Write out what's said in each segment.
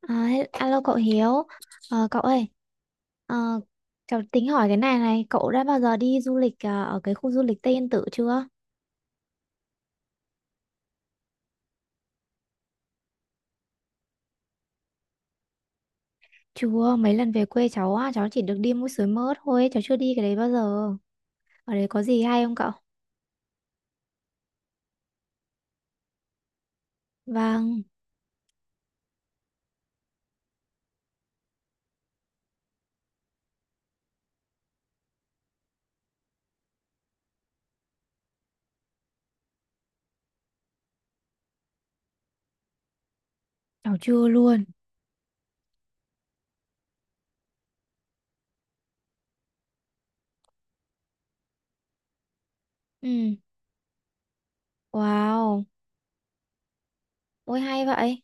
Alo cậu Hiếu, cậu ơi, ờ, cháu tính hỏi cái này này, cậu đã bao giờ đi du lịch ở cái khu du lịch Tây Yên Tử chưa? Chưa, mấy lần về quê cháu á, cháu chỉ được đi mũi Suối Mớt thôi, cháu chưa đi cái đấy bao giờ. Ở đấy có gì hay không cậu? Vâng. Cháu chưa luôn. Ừ. Wow, ôi hay vậy.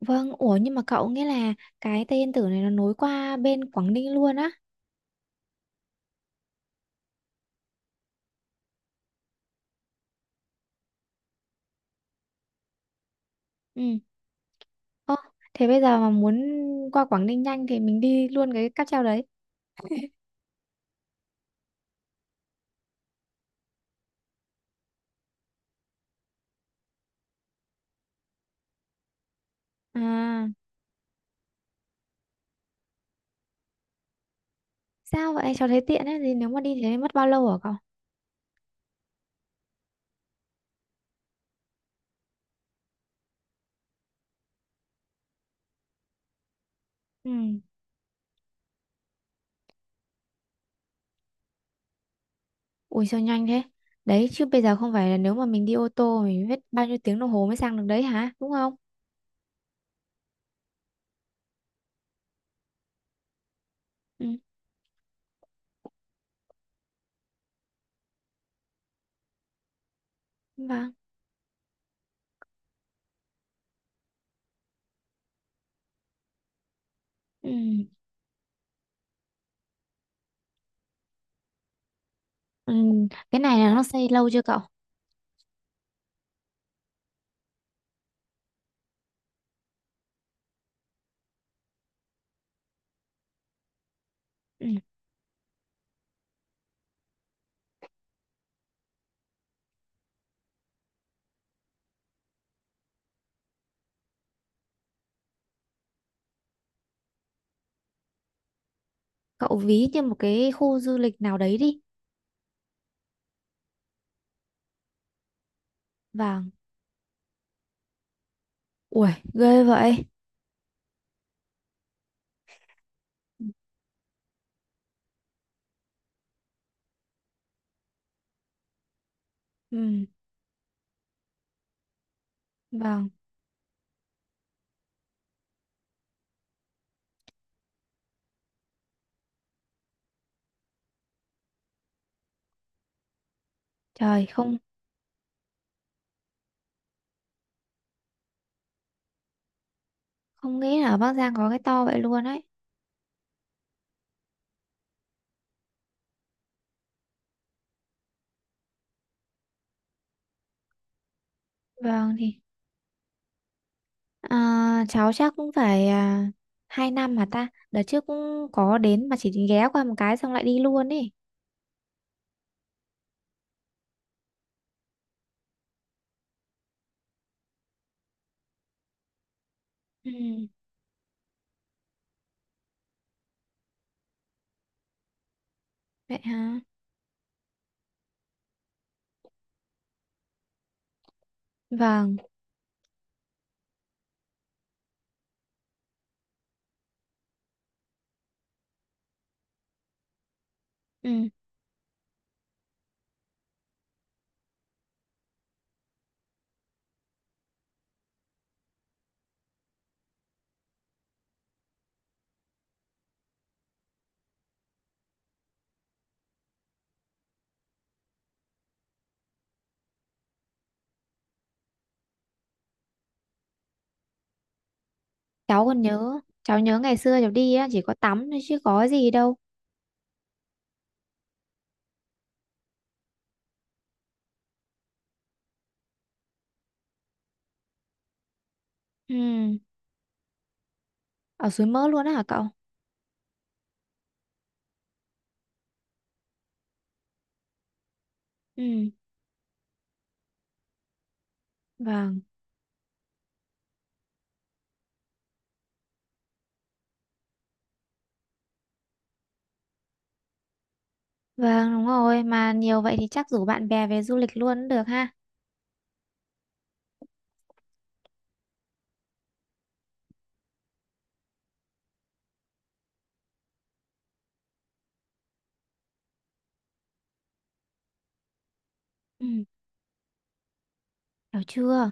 Vâng, ủa nhưng mà cậu nghĩa là cái Tây Yên Tử này nó nối qua bên Quảng Ninh luôn á. Ừ. Ơ, thế bây giờ mà muốn qua Quảng Ninh nhanh thì mình đi luôn cái cáp treo đấy. À. Sao vậy? Cháu thấy tiện ấy. Thì nếu mà đi thế mất bao lâu hả cậu? Ừ. Ui sao nhanh thế? Đấy chứ bây giờ không phải là nếu mà mình đi ô tô mình biết bao nhiêu tiếng đồng hồ mới sang được đấy hả? Đúng không? Ừ. Vâng. Ừ. Ừ. Cái này là nó xây lâu chưa cậu? Ừ. Cậu ví như một cái khu du lịch nào đấy đi. Vâng. Ui ghê vậy. Ừ. Vâng. Trời không, không nghĩ là ở Bắc Giang có cái to vậy luôn ấy. Vâng thì cháu chắc cũng phải hai năm mà ta đợt trước cũng có đến mà chỉ ghé qua một cái xong lại đi luôn ý. Ừ, vậy hả. Vâng. Ừ. Cháu còn nhớ, cháu nhớ ngày xưa cháu đi á chỉ có tắm thôi chứ có gì đâu. Ừ. Ở suối Mỡ luôn á hả cậu? Ừ. Vâng. Vâng đúng rồi, mà nhiều vậy thì chắc rủ bạn bè về du lịch luôn cũng được ha. Ừ. Hiểu chưa.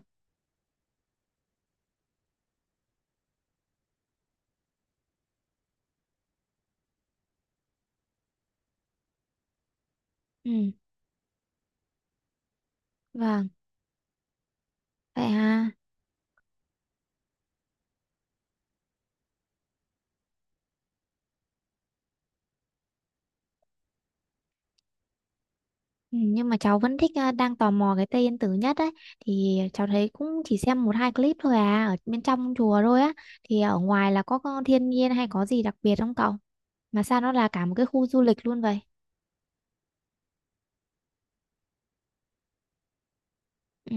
Ừ. Vâng. Vậy ha. Ừ, nhưng mà cháu vẫn thích, đang tò mò cái Tây Yên Tử nhất ấy, thì cháu thấy cũng chỉ xem một hai clip thôi à ở bên trong chùa thôi á, thì ở ngoài là có thiên nhiên hay có gì đặc biệt không cậu? Mà sao nó là cả một cái khu du lịch luôn vậy? Ừ.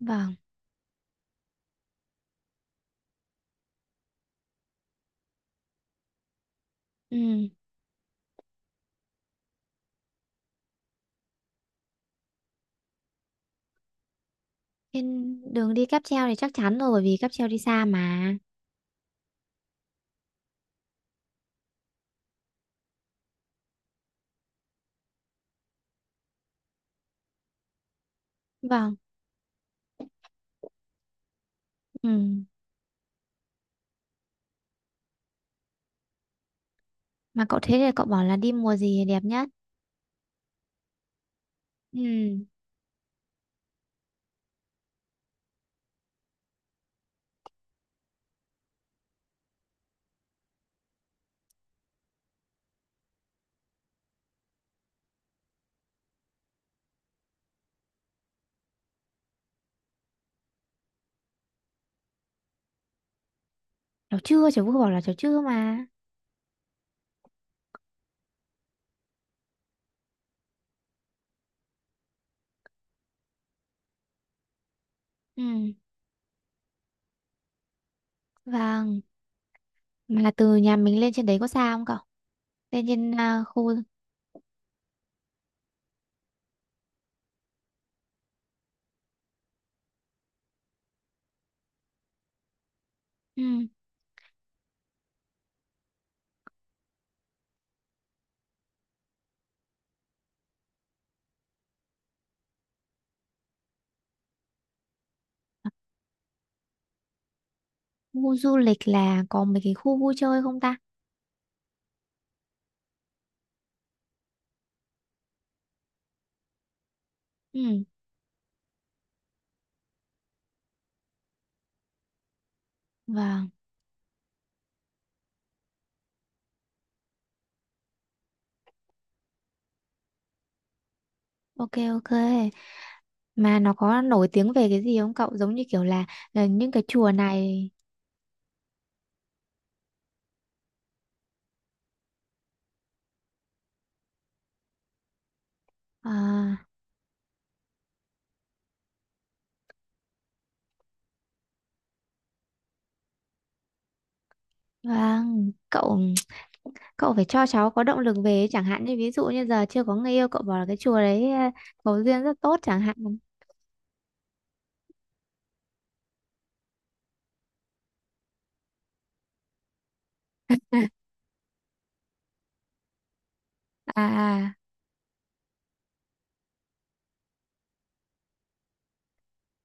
Vâng. Ừ. Trên đường đi cáp treo thì chắc chắn rồi bởi vì cáp treo đi xa mà. Vâng. Ừ. Mà cậu thế thì cậu bảo là đi mùa gì đẹp nhất? Ừ. Cháu chưa, cháu vừa bảo là cháu chưa mà. Ừ. Vâng. Mà là từ nhà mình lên trên đấy có xa không cậu? Lên trên khu. Ừ. Khu du lịch là có mấy cái khu vui chơi không ta? Ừ. Vâng. Ok ok. Mà nó có nổi tiếng về cái gì không cậu? Giống như kiểu là những cái chùa này. À, vâng, cậu cậu phải cho cháu có động lực về ấy. Chẳng hạn như ví dụ như giờ chưa có người yêu, cậu bảo là cái chùa đấy có duyên rất tốt chẳng hạn. À, à,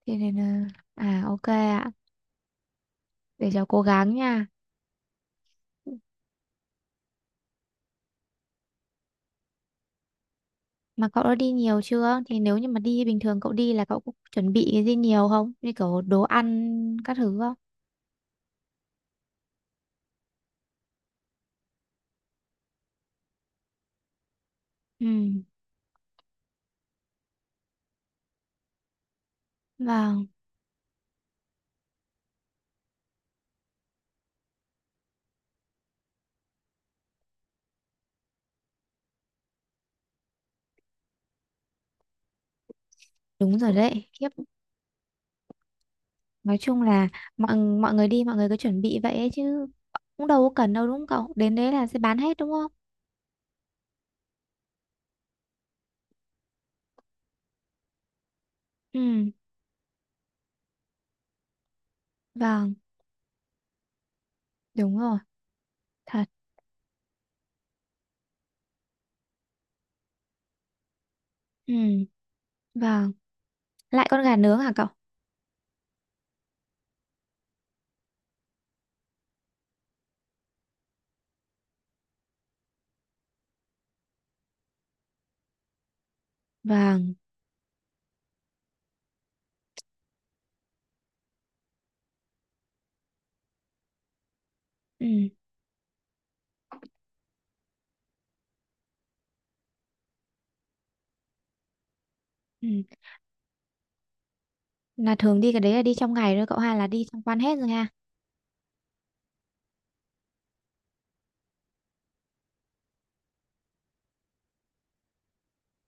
thế nên là- à ok ạ. Để cháu cố gắng nha. Mà cậu đã đi nhiều chưa? Thì nếu như mà đi bình thường cậu đi là cậu cũng chuẩn bị cái gì nhiều không? Như kiểu đồ ăn các thứ không? Ừ, vâng, đúng rồi đấy. Khiếp. Nói chung là mọi mọi người đi, mọi người cứ chuẩn bị vậy ấy chứ cũng đâu có cần đâu đúng không cậu? Đến đấy là sẽ bán hết đúng không? Ừ, vâng, đúng rồi. Thật. Ừ, vâng. Lại con gà nướng hả cậu? Vâng. Ừ, ừ. Là thường đi cái đấy là đi trong ngày thôi cậu ha, là đi tham quan hết rồi ha.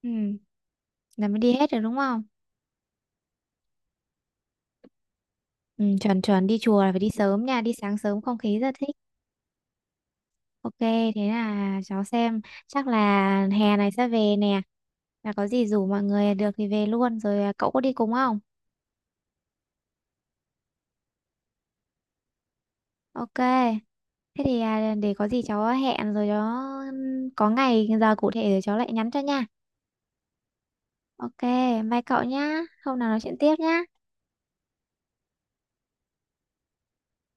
Ừ, là mới đi hết rồi đúng không? Ừ, chuẩn chuẩn, đi chùa là phải đi sớm nha, đi sáng sớm không khí rất thích. Ok, thế là cháu xem chắc là hè này sẽ về nè. Là có gì rủ mọi người được thì về luôn rồi, à, cậu có đi cùng không? Ok. Thế thì à, để có gì cháu hẹn rồi đó, có ngày giờ cụ thể rồi cháu lại nhắn cho nha. Ok, bye cậu nhá. Hôm nào nói chuyện tiếp nhá.